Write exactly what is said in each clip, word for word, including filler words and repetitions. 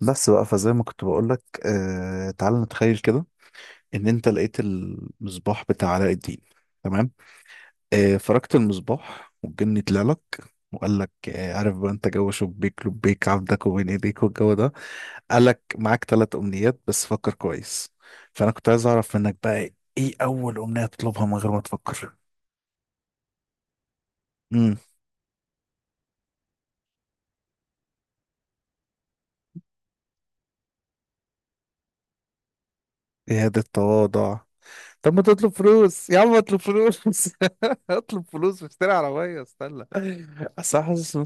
بس بقى فزي ما كنت بقولك آه تعال نتخيل كده ان انت لقيت المصباح بتاع علاء الدين. تمام. آه فركت المصباح والجن طلع لك، وقال لك آه عارف بقى انت جو شبيك لبيك عبدك وبين ايديك والجو ده. قال لك معاك ثلاث امنيات بس فكر كويس. فانا كنت عايز اعرف منك بقى، ايه اول امنية تطلبها من غير ما تفكر؟ امم ايه هذا التواضع؟ طب ما تطلب فلوس يا عم، اطلب فلوس اطلب فلوس مش تشتري عربية، استنى اصل أنا حاسس.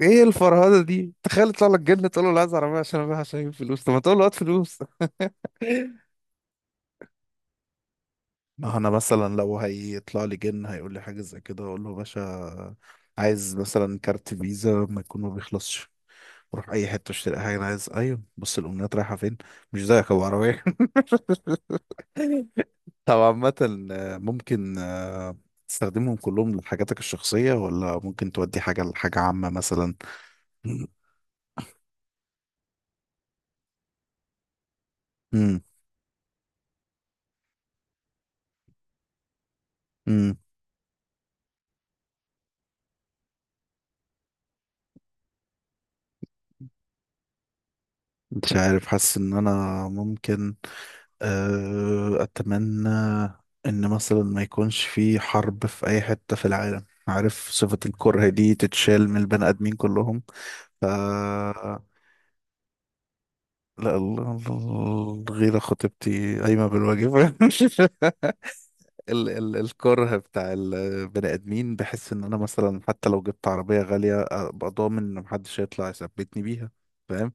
ايه الفرهده دي، تخيل يطلع لك جن تقول له لا، عايز عربيه عشان ابيعها عشان اجيب فلوس، طب ما تقول له هات فلوس. ما هو انا مثلا لو هيطلع لي جن هيقول لي حاجه زي كده اقول له يا باشا، عايز مثلا كارت فيزا ما يكون ما بيخلصش، روح اي حته اشتري اي حاجه انا عايز. ايوه بص، الامنيات رايحه فين؟ مش زيك ابو عربيه. طب عامه، آه، ممكن آه، تستخدمهم كلهم لحاجاتك الشخصيه، ولا ممكن تودي حاجه لحاجه عامه مثلا؟ امم امم مش عارف، حاسس ان انا ممكن أه، أتمنى إن مثلا ما يكونش في حرب في أي حتة في العالم، عارف، صفة الكره دي تتشال من البني آدمين كلهم. ف لا، ال- ال- الغيرة خطيبتي قايمة بالواجب. ال ال الكره بتاع البني آدمين، بحس إن أنا مثلا حتى لو جبت عربية غالية أبقى ضامن إن محدش هيطلع يثبتني بيها، فاهم.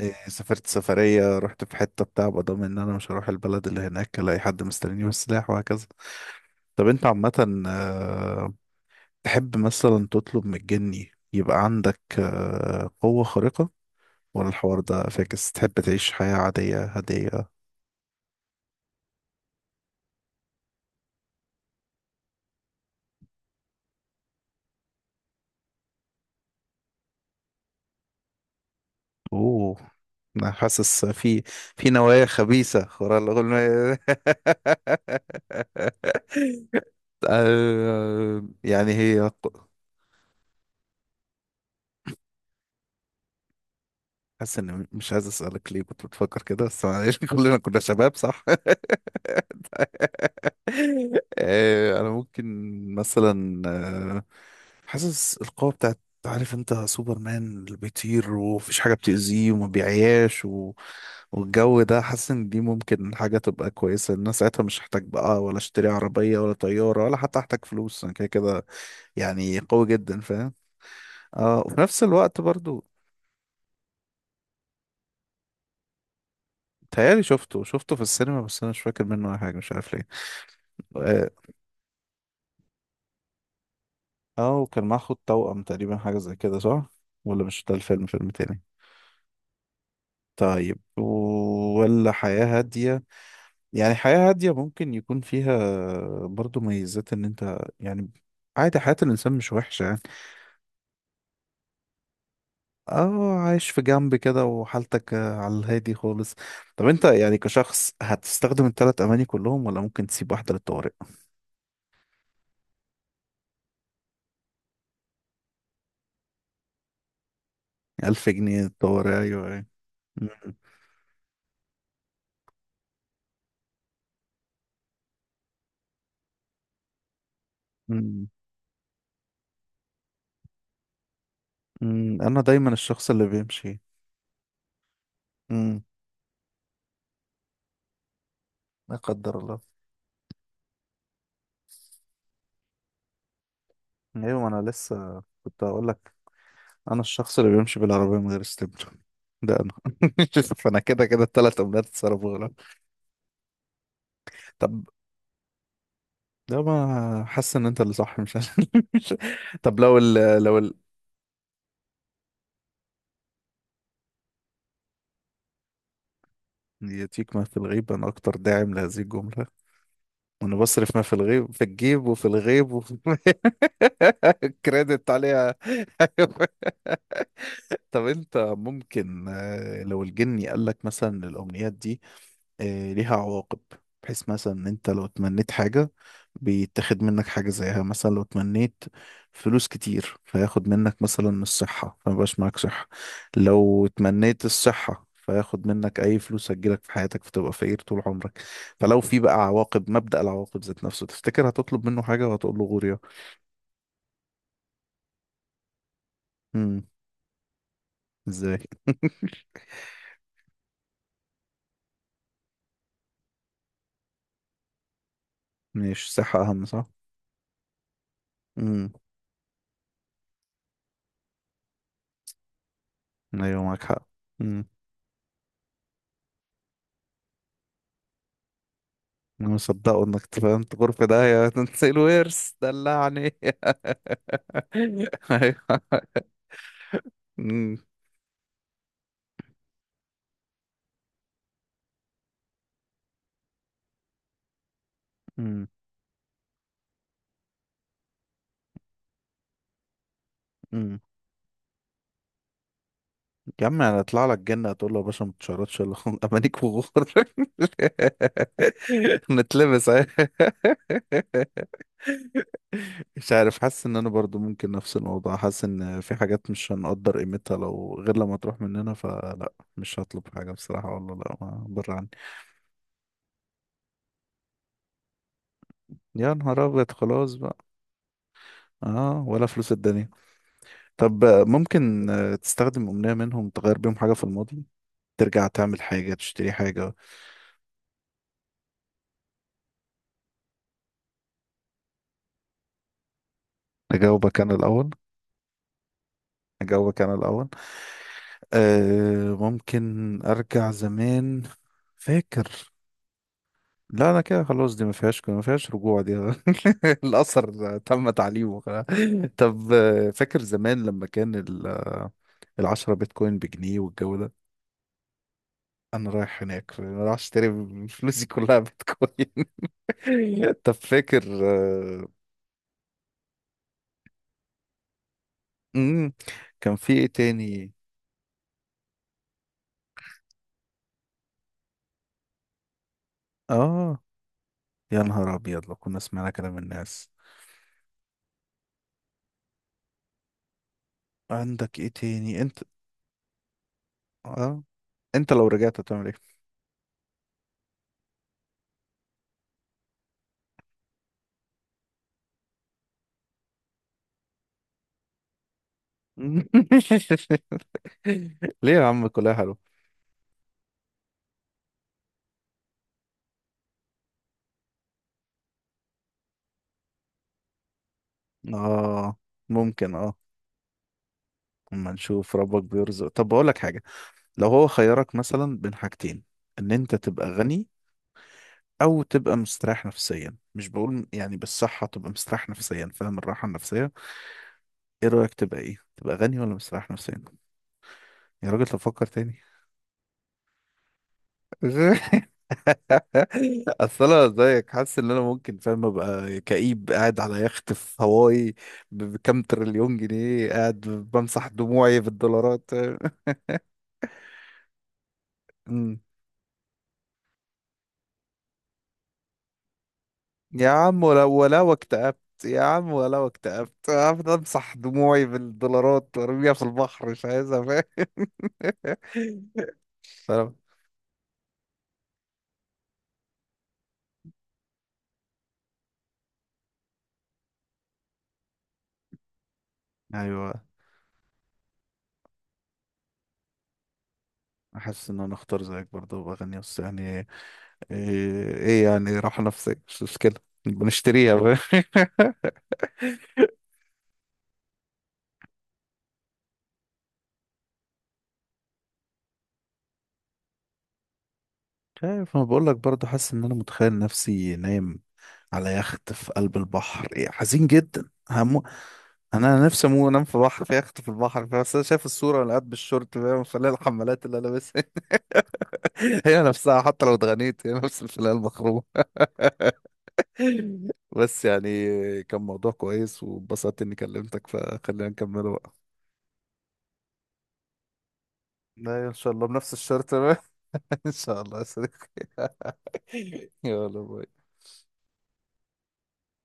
إيه، سافرت سفرية رحت في حتة بتاع، أبقى ضامن إن أنا مش هروح البلد اللي هناك ألاقي حد مستنيني بالسلاح وهكذا. طب انت عامة، آه، تحب مثلا تطلب من الجني يبقى عندك آه، قوة خارقة، ولا الحوار ده فاكس، تحب تعيش حياة عادية هادية؟ اوه، انا حاسس في في نوايا خبيثة ورا الأغنية. آه، يعني هي ق- حاسس ان، مش عايز اسألك ليه كنت بتفكر كده، بس معلش، كلنا كنا شباب، صح. آه، انا ممكن مثلا آه، حاسس القوة بتاعت، عارف انت سوبرمان اللي بيطير ومفيش حاجة بتأذيه وما بيعياش و... والجو ده، حاسس ان دي ممكن حاجة تبقى كويسة، الناس ساعتها مش هحتاج بقى ولا اشتري عربية ولا طيارة، ولا حتى هحتاج فلوس انا كده كده، يعني قوي جدا فاهم. اه، وفي نفس الوقت برضو تهيألي شفته شفته في السينما، بس انا مش فاكر منه اي حاجة، مش عارف ليه. اه. آه، وكان معاه خد توأم تقريبا، حاجة زي كده صح؟ ولا مش ده الفيلم، فيلم تاني؟ طيب. ولا حياة هادية؟ يعني حياة هادية ممكن يكون فيها برضو ميزات، ان انت يعني عادي، حياة الإنسان مش وحشة يعني. اه، عايش في جنب كده وحالتك آه، على الهادي خالص. طب انت يعني كشخص، هتستخدم الثلاث أماني كلهم، ولا ممكن تسيب واحدة للطوارئ؟ ألف جنيه للطوارئ، أيوة أيوة. مم. مم. مم. أنا دايما الشخص اللي بيمشي. مم. لا قدر الله. أيوة، ما أنا لسه كنت هقول لك، أنا الشخص اللي بيمشي بالعربية من غير استبن، ده انا. شوف انا كده كده الثلاث امنيات اتصرفوا غلط. طب، ده ما حاسس ان انت اللي صح مش أنا. مش. طب لو ال... لو ال... ياتيك ما في الغيب، انا اكتر داعم لهذه الجمله، وانا بصرف ما في الغيب في الجيب وفي الغيب وفي كريدت عليها. طب انت ممكن آه، لو الجني قال لك مثلا الامنيات دي آه، ليها عواقب، بحيث مثلا انت لو اتمنيت حاجة بيتاخد منك حاجة زيها. مثلا لو اتمنيت فلوس كتير فياخد منك مثلا الصحة فمبقاش معاك صحة. لو اتمنيت الصحة فياخد منك أي فلوس هتجيلك في حياتك فتبقى فقير طول عمرك. فلو في بقى عواقب، مبدأ العواقب ذات نفسه، تفتكر هتطلب منه حاجة وهتقول له غوريا؟ امم ازاي؟ مش صحة أهم، صح. امم. أيوة معاك حق. انا مصدقه انك فهمت غرفة ده يا تنسي الورث دلعني. ايوه. أمم، أمم، أمم. يا عم انا اطلع لك جنة هتقول له يا باشا ما بتشردش الا امانيك وغور. نتلبس أهي. مش عارف، حاسس ان انا برضو ممكن نفس الموضوع، حاسس ان في حاجات مش هنقدر قيمتها لو غير لما تروح مننا، فلا مش هطلب حاجة بصراحة، والله لا ما بره عني. يا نهار ابيض خلاص بقى، اه ولا فلوس الدنيا. طب ممكن آه، تستخدم أمنية منهم تغير بيهم حاجة في الماضي، ترجع تعمل حاجة تشتري حاجة؟ أجاوبك أنا الأول. أجاوبك أنا الأول. أه، ممكن أرجع زمان، فاكر، لا أنا كده خلاص، دي ما فيهاش ما فيهاش رجوع دي. الأثر تم تعليمه. خلاص. طب آه، فاكر زمان لما كان ال- آه، العشرة بيتكوين بجنيه، والجو ده. أنا رايح هناك أنا رايح أشتري فلوسي كلها بيتكوين. طب فاكر آه، امم كان في ايه تاني؟ اه، يا نهار ابيض لو كنا سمعنا كلام الناس. عندك ايه تاني انت؟ اه. انت لو رجعت هتعمل ايه؟ ليه يا عم كلها حلو؟ اه، ممكن اه، اما نشوف ربك بيرزق. طب بقول لك حاجه، لو هو خيرك مثلا بين حاجتين، ان انت تبقى غني او تبقى مستريح نفسيا، مش بقول يعني بالصحه تبقى مستريح نفسيا، فاهم الراحه النفسيه، ايه رايك تبقى ايه، تبقى غني ولا مستريح نفسيا؟ يا راجل تفكر تاني. اصل انا زيك حاسس ان انا ممكن فاهم ابقى كئيب قاعد على يخت في هواي، ب- بكام تريليون جنيه قاعد بمسح دموعي بالدولارات. أمم. يا عم ولا ولو اكتئبت، يا عم ولو اكتئبت هفضل امسح دموعي بالدولارات وارميها في البحر مش عايزها فاهم. فاهم؟ ايوه، احس ان انا اختار زيك برضه، بغني بس يعني ايه، إيه يعني راحة نفسية مش مشكلة، بنشتريها. مش عارف، انا بقول لك برضه، حاسس ان انا متخيل نفسي نايم على يخت في قلب البحر، إيه، حزين جدا همو. انا نفسي اموت انام في بحر في يخت في البحر، بس انا شايف الصوره وانا قاعد بالشورت فاهم، فلاقي الحمالات اللي انا لابسها هي نفسها، حتى لو اتغنيت هي نفس الفلاقه المخرومه. بس يعني كان موضوع كويس واتبسطت اني كلمتك، فخلينا نكمله بقى. لا ان شاء الله بنفس الشرط. ان شاء الله يا صديقي. يلا باي.